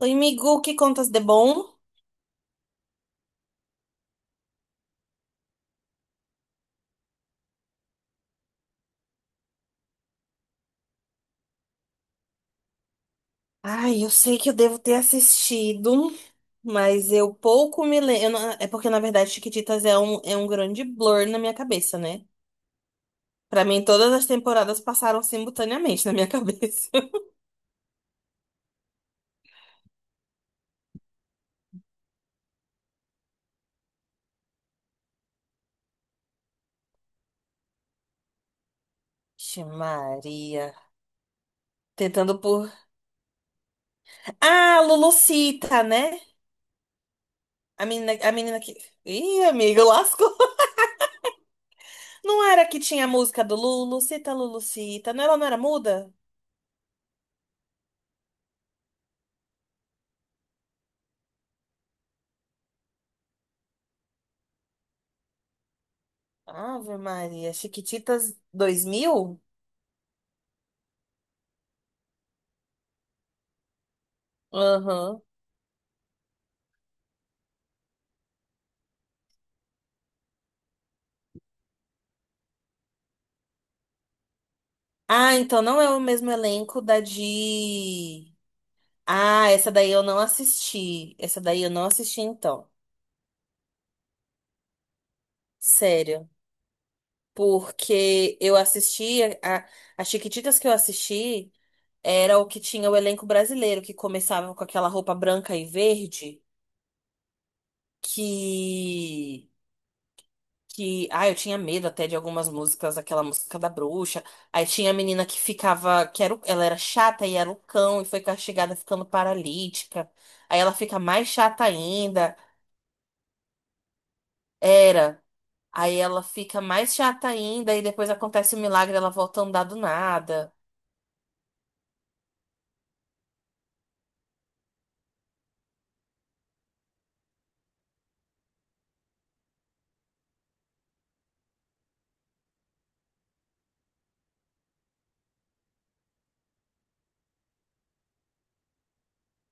Oi, amigo, que contas de bom? Ai, eu sei que eu devo ter assistido, mas eu pouco me lembro. É porque, na verdade, Chiquititas é é um grande blur na minha cabeça, né? Pra mim, todas as temporadas passaram simultaneamente na minha cabeça. Vixe, Maria. Tentando por. Ah, Lulucita, né? A menina que. Ih, amigo, lascou. Não era que tinha a música do Lulucita, Lulucita? Não, ela não era muda? Ave Maria. Chiquititas 2000? Aham. Ah, então não é o mesmo elenco da de. Ah, essa daí eu não assisti. Essa daí eu não assisti, então. Sério. Porque eu assisti. A Chiquititas que eu assisti era o que tinha o elenco brasileiro, que começava com aquela roupa branca e verde, que que eu tinha medo até de algumas músicas, aquela música da bruxa. Aí tinha a menina que ficava, que era, o- ela era chata e era o cão e foi castigada ficando paralítica. Aí ela fica mais chata ainda, era. Aí ela fica mais chata ainda e depois acontece o milagre, ela volta a andar do nada.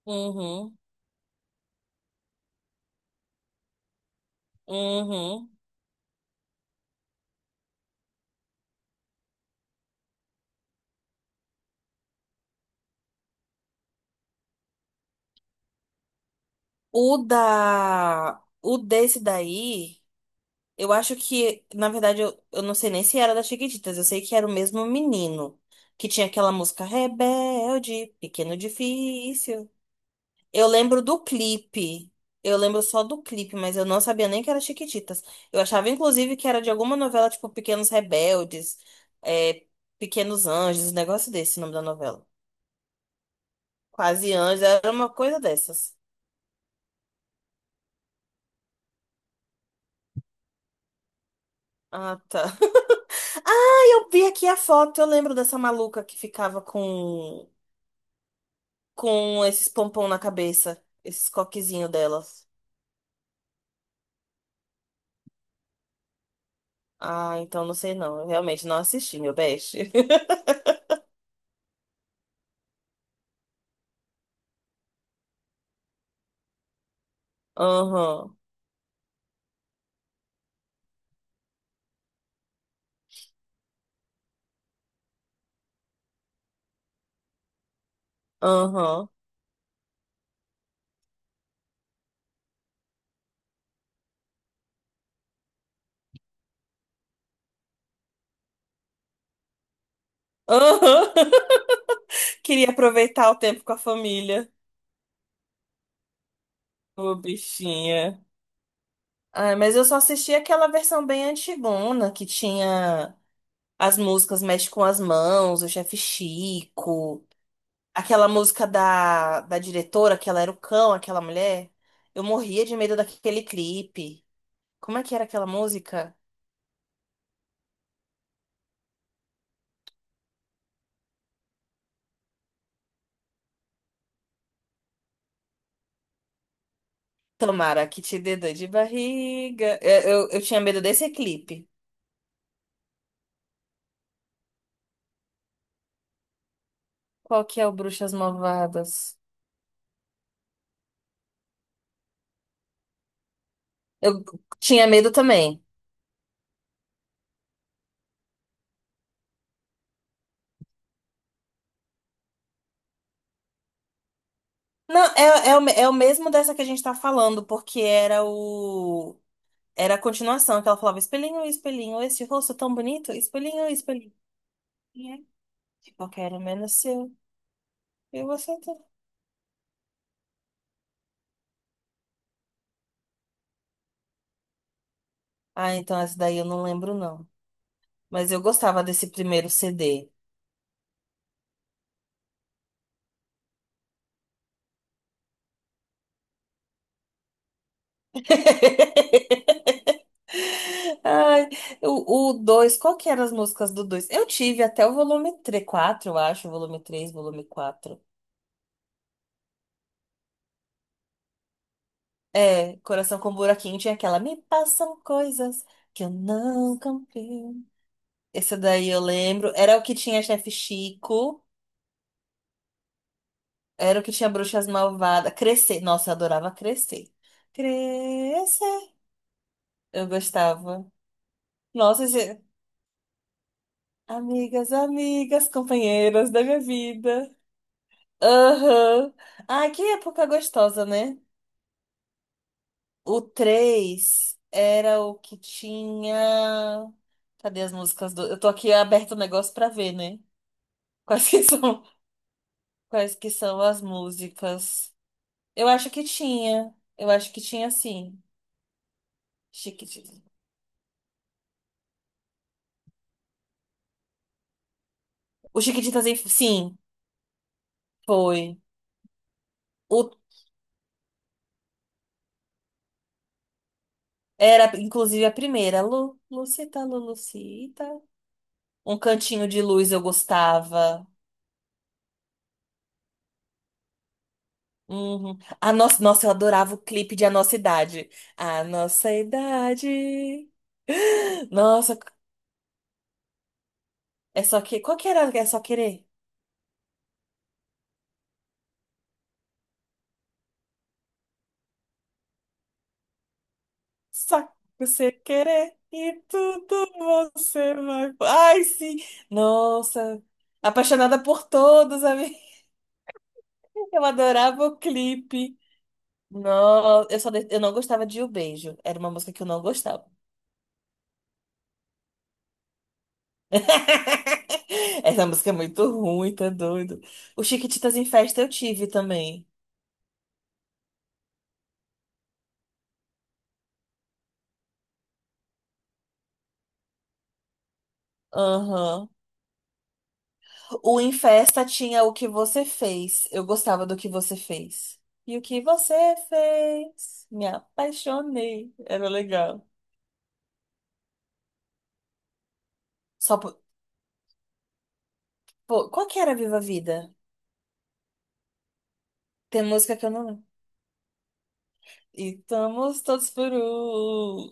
Uhum, uhum. O da, o desse daí eu acho que, na verdade, eu não sei nem se era da Chiquititas, eu sei que era o mesmo menino, que tinha aquela música Rebelde, Pequeno Difícil. Eu lembro do clipe, eu lembro só do clipe, mas eu não sabia nem que era Chiquititas. Eu achava, inclusive, que era de alguma novela, tipo Pequenos Rebeldes, é, Pequenos Anjos, um negócio desse, o nome da novela. Quase Anjos, era uma coisa dessas. Ah, tá. Ah, eu vi aqui a foto, eu lembro dessa maluca que ficava com esses pompom na cabeça, esses coquezinhos delas. Ah, então não sei não. Eu realmente não assisti, meu best. Aham, aham, aham. Queria aproveitar o tempo com a família. Ô, bichinha. Ah, mas eu só assisti aquela versão bem antigona, que tinha as músicas Mexe com as Mãos, o Chefe Chico, aquela música da, da diretora, que ela era o cão, aquela mulher. Eu morria de medo daquele clipe. Como é que era aquela música? Tomara que te dê dor de barriga. Eu tinha medo desse clipe. Qual que é o Bruxas Malvadas? Eu tinha medo também. Não, é, é, o, é o mesmo dessa que a gente tá falando, porque era o. Era a continuação, que ela falava: espelhinho, espelhinho, esse rosto tão bonito, espelhinho, espelhinho. Quem é? Que qualquer um menos seu, eu vou também. Ah, então essa daí eu não lembro, não. Mas eu gostava desse primeiro CD. Ai, o 2 qual que eram as músicas do dois? Eu tive até o volume três quatro eu acho, volume 3 volume quatro. É, Coração com Buraquinho tinha aquela Me passam coisas que eu não compreendo. Esse daí eu lembro. Era o que tinha Chefe Chico, era o que tinha Bruxas Malvadas. Crescer, nossa, eu adorava Crescer. Crescer, eu gostava. Nossa, esse- amigas, amigas, companheiras da minha vida. Aham. Ah, que época gostosa, né? O 3 era o que tinha. Cadê as músicas do. Eu tô aqui aberto o negócio pra ver, né? Quais que são, quais que são as músicas? Eu acho que tinha. Eu acho que tinha sim. Chiquititas. O Chiquititas, em- sim, foi. O... Era, inclusive, a primeira. Lu... Lucita, Lulucita. Um cantinho de luz eu gostava. Uhum. A nossa, nossa, eu adorava o clipe de A Nossa Idade. A Nossa Idade. Nossa, é só que. Qual que era? É só querer? Só você querer e tudo você vai. Ai, sim! Nossa! Apaixonada por todos, amiga. Eu adorava o clipe. Nossa, eu só de- eu não gostava de O Beijo. Era uma música que eu não gostava. Essa música é muito ruim, tá doido. O Chiquititas em Festa eu tive também. Aham. O em festa tinha o que você fez. Eu gostava do que você fez. E o que você fez? Me apaixonei. Era legal. Só por... Pô, qual que era Viva a Vida? Tem música que eu não lembro. E estamos todos por um.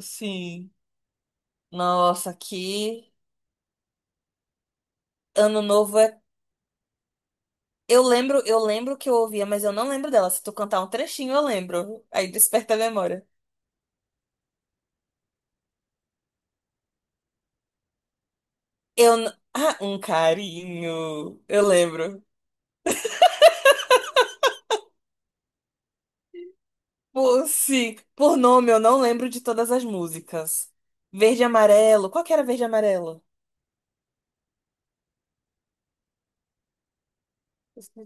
Sim. Nossa, que ano novo é. Eu lembro que eu ouvia, mas eu não lembro dela. Se tu cantar um trechinho, eu lembro. Aí desperta a memória. Eu. N- Ah, um carinho. Eu lembro. Por, sim, por nome, eu não lembro de todas as músicas. Verde e amarelo. Qual que era verde e amarelo?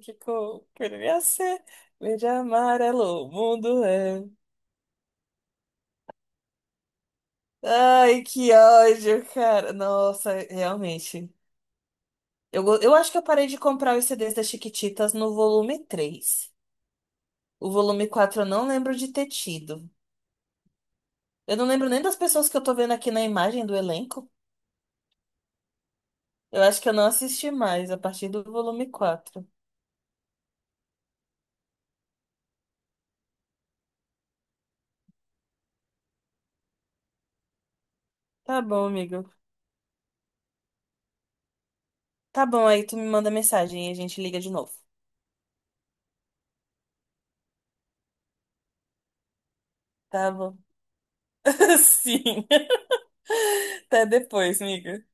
Ficou, poderia ser. Verde e amarelo, o mundo é. Ai, que ódio, cara. Nossa, realmente. Eu, go- eu acho que eu parei de comprar os CDs das Chiquititas no volume 3. O volume 4 eu não lembro de ter tido. Eu não lembro nem das pessoas que eu tô vendo aqui na imagem do elenco. Eu acho que eu não assisti mais a partir do volume 4. Tá bom, amigo. Tá bom, aí tu me manda mensagem e a gente liga de novo. Tá bom. Sim. Até depois, amiga.